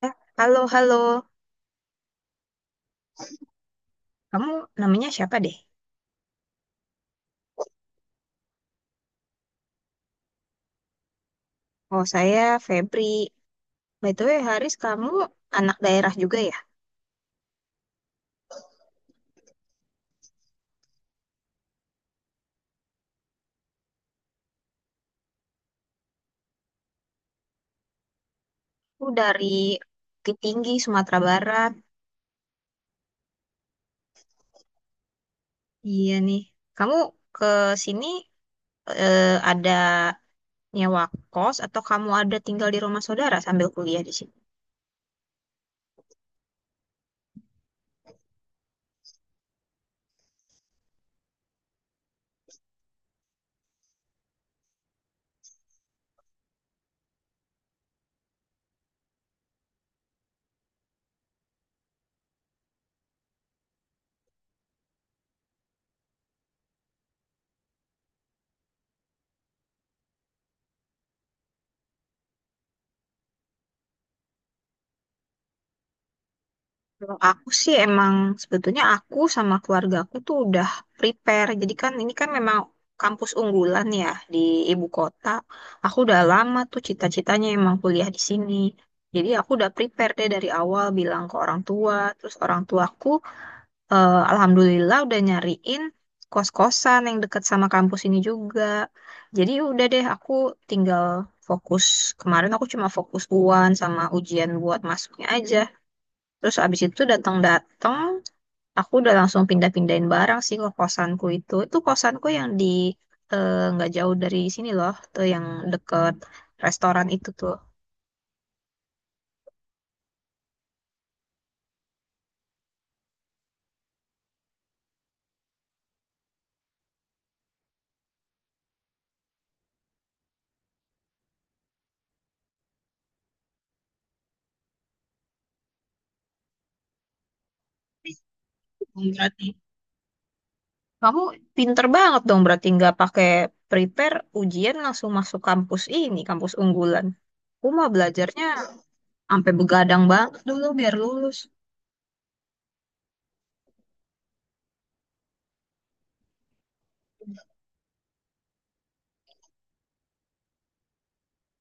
Eh, Halo, halo. Kamu namanya siapa deh? Oh, saya Febri. By the way, Haris, kamu anak daerah juga ya? Aku dari Bukit Tinggi, Sumatera Barat. Iya nih. Kamu ke sini eh, ada nyewa kos atau kamu ada tinggal di rumah saudara sambil kuliah di sini? Kalau aku sih emang sebetulnya aku sama keluarga aku tuh udah prepare. Jadi kan ini kan memang kampus unggulan ya di ibu kota. Aku udah lama tuh cita-citanya emang kuliah di sini. Jadi aku udah prepare deh dari awal bilang ke orang tua. Terus orang tuaku alhamdulillah udah nyariin kos-kosan yang deket sama kampus ini juga. Jadi udah deh aku tinggal fokus. Kemarin aku cuma fokus UAN sama ujian buat masuknya aja. Terus abis itu datang-datang, aku udah langsung pindah-pindahin barang sih ke kosanku itu. Itu kosanku yang di nggak jauh dari sini loh, tuh yang deket restoran itu tuh. Hmm, berarti kamu pinter banget dong, berarti nggak pakai prepare ujian langsung masuk kampus ini, kampus unggulan. Aku mah belajarnya sampai begadang banget dulu biar lulus.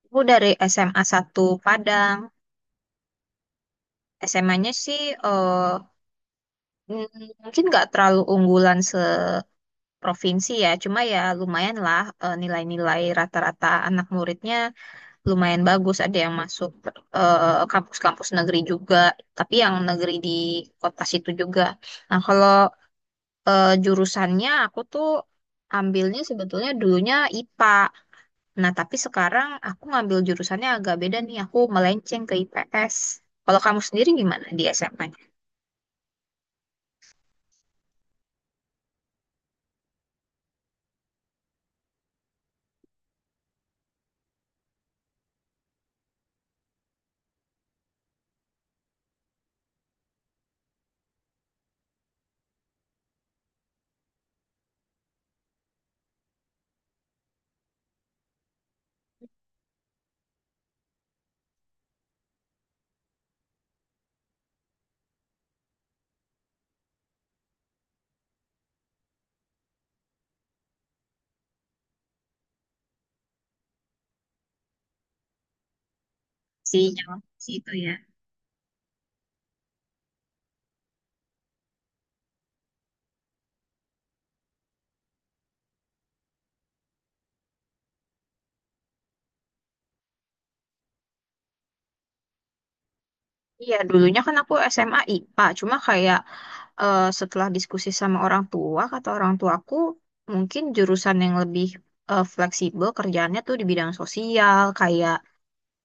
Aku dari SMA satu Padang. SMA-nya sih eh, mungkin nggak terlalu unggulan se provinsi ya. Cuma ya lumayan lah nilai-nilai rata-rata anak muridnya lumayan bagus. Ada yang masuk kampus-kampus negeri juga, tapi yang negeri di kota situ juga. Nah, kalau jurusannya aku tuh ambilnya sebetulnya dulunya IPA. Nah, tapi sekarang aku ngambil jurusannya agak beda nih. Aku melenceng ke IPS. Kalau kamu sendiri gimana di SMA? Si yang si itu ya. Iya, dulunya kan aku SMA IPA, cuma kayak setelah diskusi sama orang tua, kata orang tuaku, mungkin jurusan yang lebih fleksibel kerjaannya tuh di bidang sosial, kayak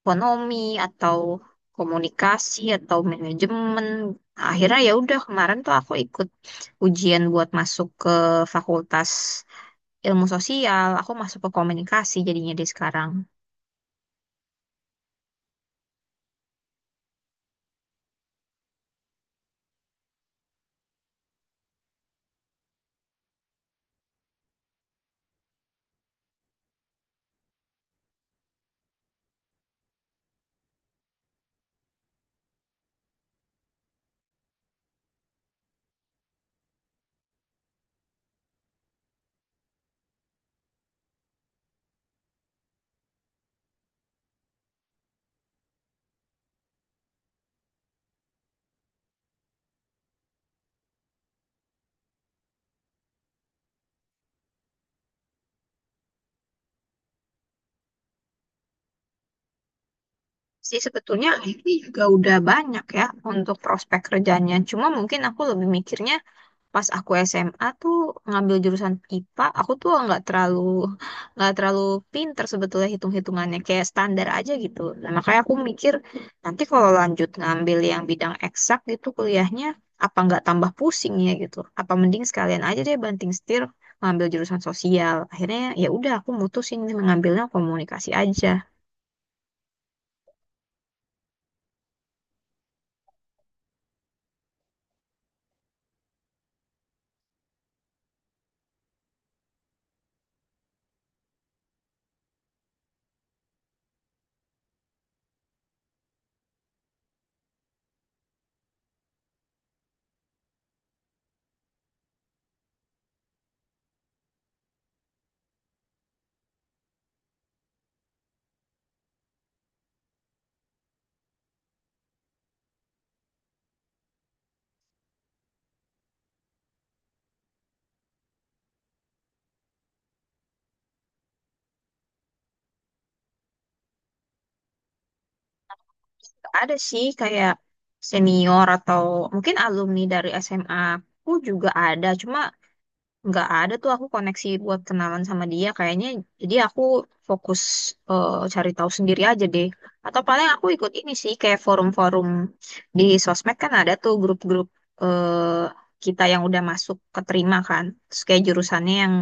ekonomi atau komunikasi atau manajemen. Nah, akhirnya ya udah kemarin tuh aku ikut ujian buat masuk ke Fakultas Ilmu Sosial, aku masuk ke komunikasi jadinya di sekarang. Sih sebetulnya ini juga udah banyak ya untuk prospek kerjanya. Cuma mungkin aku lebih mikirnya pas aku SMA tuh ngambil jurusan IPA, aku tuh nggak terlalu pinter sebetulnya hitung-hitungannya kayak standar aja gitu. Nah, makanya aku mikir nanti kalau lanjut ngambil yang bidang eksak gitu kuliahnya apa nggak tambah pusing ya gitu. Apa mending sekalian aja deh banting setir ngambil jurusan sosial. Akhirnya ya udah aku mutusin mengambilnya komunikasi aja. Ada sih kayak senior atau mungkin alumni dari SMA aku juga ada, cuma nggak ada tuh aku koneksi buat kenalan sama dia kayaknya jadi aku fokus cari tahu sendiri aja deh atau paling aku ikut ini sih kayak forum-forum di sosmed kan ada tuh grup-grup eh, kita yang udah masuk keterima kan terus kayak jurusannya yang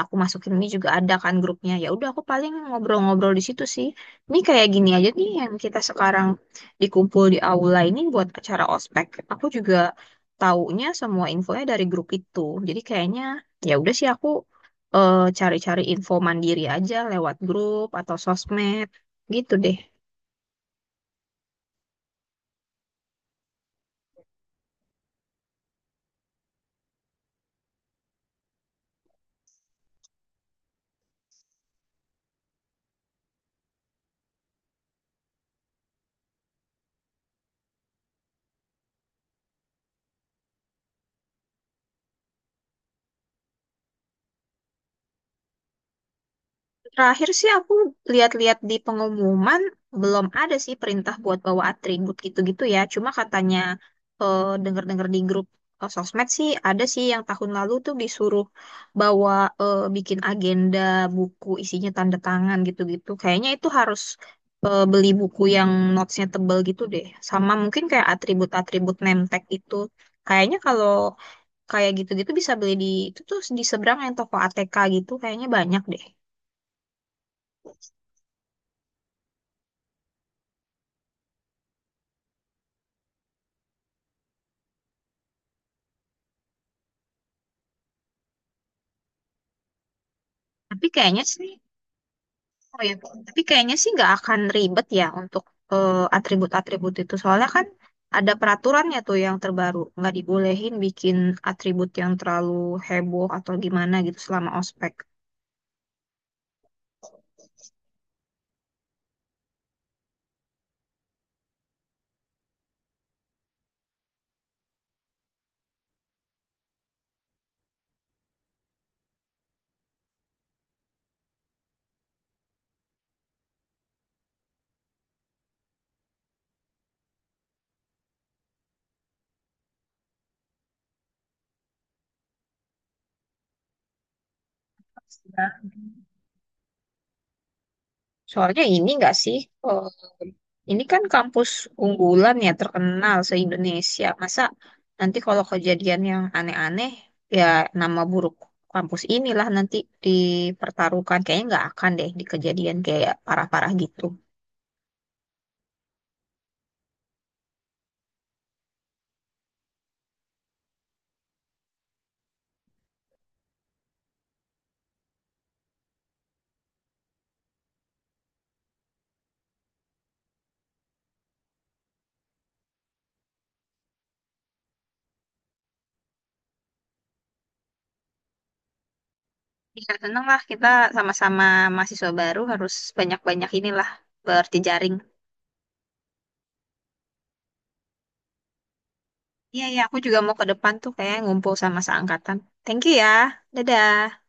aku masukin ini juga ada kan grupnya ya udah aku paling ngobrol-ngobrol di situ sih ini kayak gini aja nih yang kita sekarang dikumpul di aula ini buat acara ospek aku juga taunya semua infonya dari grup itu. Jadi kayaknya ya udah sih aku cari-cari info mandiri aja lewat grup atau sosmed gitu deh. Terakhir sih aku lihat-lihat di pengumuman belum ada sih perintah buat bawa atribut gitu-gitu ya. Cuma katanya dengar-dengar di grup sosmed sih ada sih yang tahun lalu tuh disuruh bawa bikin agenda buku isinya tanda tangan gitu-gitu. Kayaknya itu harus beli buku yang notesnya tebel gitu deh. Sama mungkin kayak atribut-atribut name tag itu. Kayaknya kalau kayak gitu-gitu bisa beli di itu tuh di seberang yang toko ATK gitu. Kayaknya banyak deh. Tapi kayaknya sih, oh ya, tapi kayaknya sih nggak akan ribet ya untuk atribut-atribut itu. Soalnya kan ada peraturannya tuh yang terbaru, nggak dibolehin bikin atribut yang terlalu heboh atau gimana gitu selama ospek. Soalnya ini nggak sih, eh, ini kan kampus unggulan ya terkenal se-Indonesia. Masa nanti kalau kejadian yang aneh-aneh, ya nama buruk kampus inilah nanti dipertaruhkan. Kayaknya nggak akan deh di kejadian kayak parah-parah gitu. Ya, seneng lah kita sama-sama mahasiswa baru harus banyak-banyak inilah berjejaring. Iya, ya, aku juga mau ke depan tuh kayak ngumpul sama seangkatan. Thank you ya. Dadah.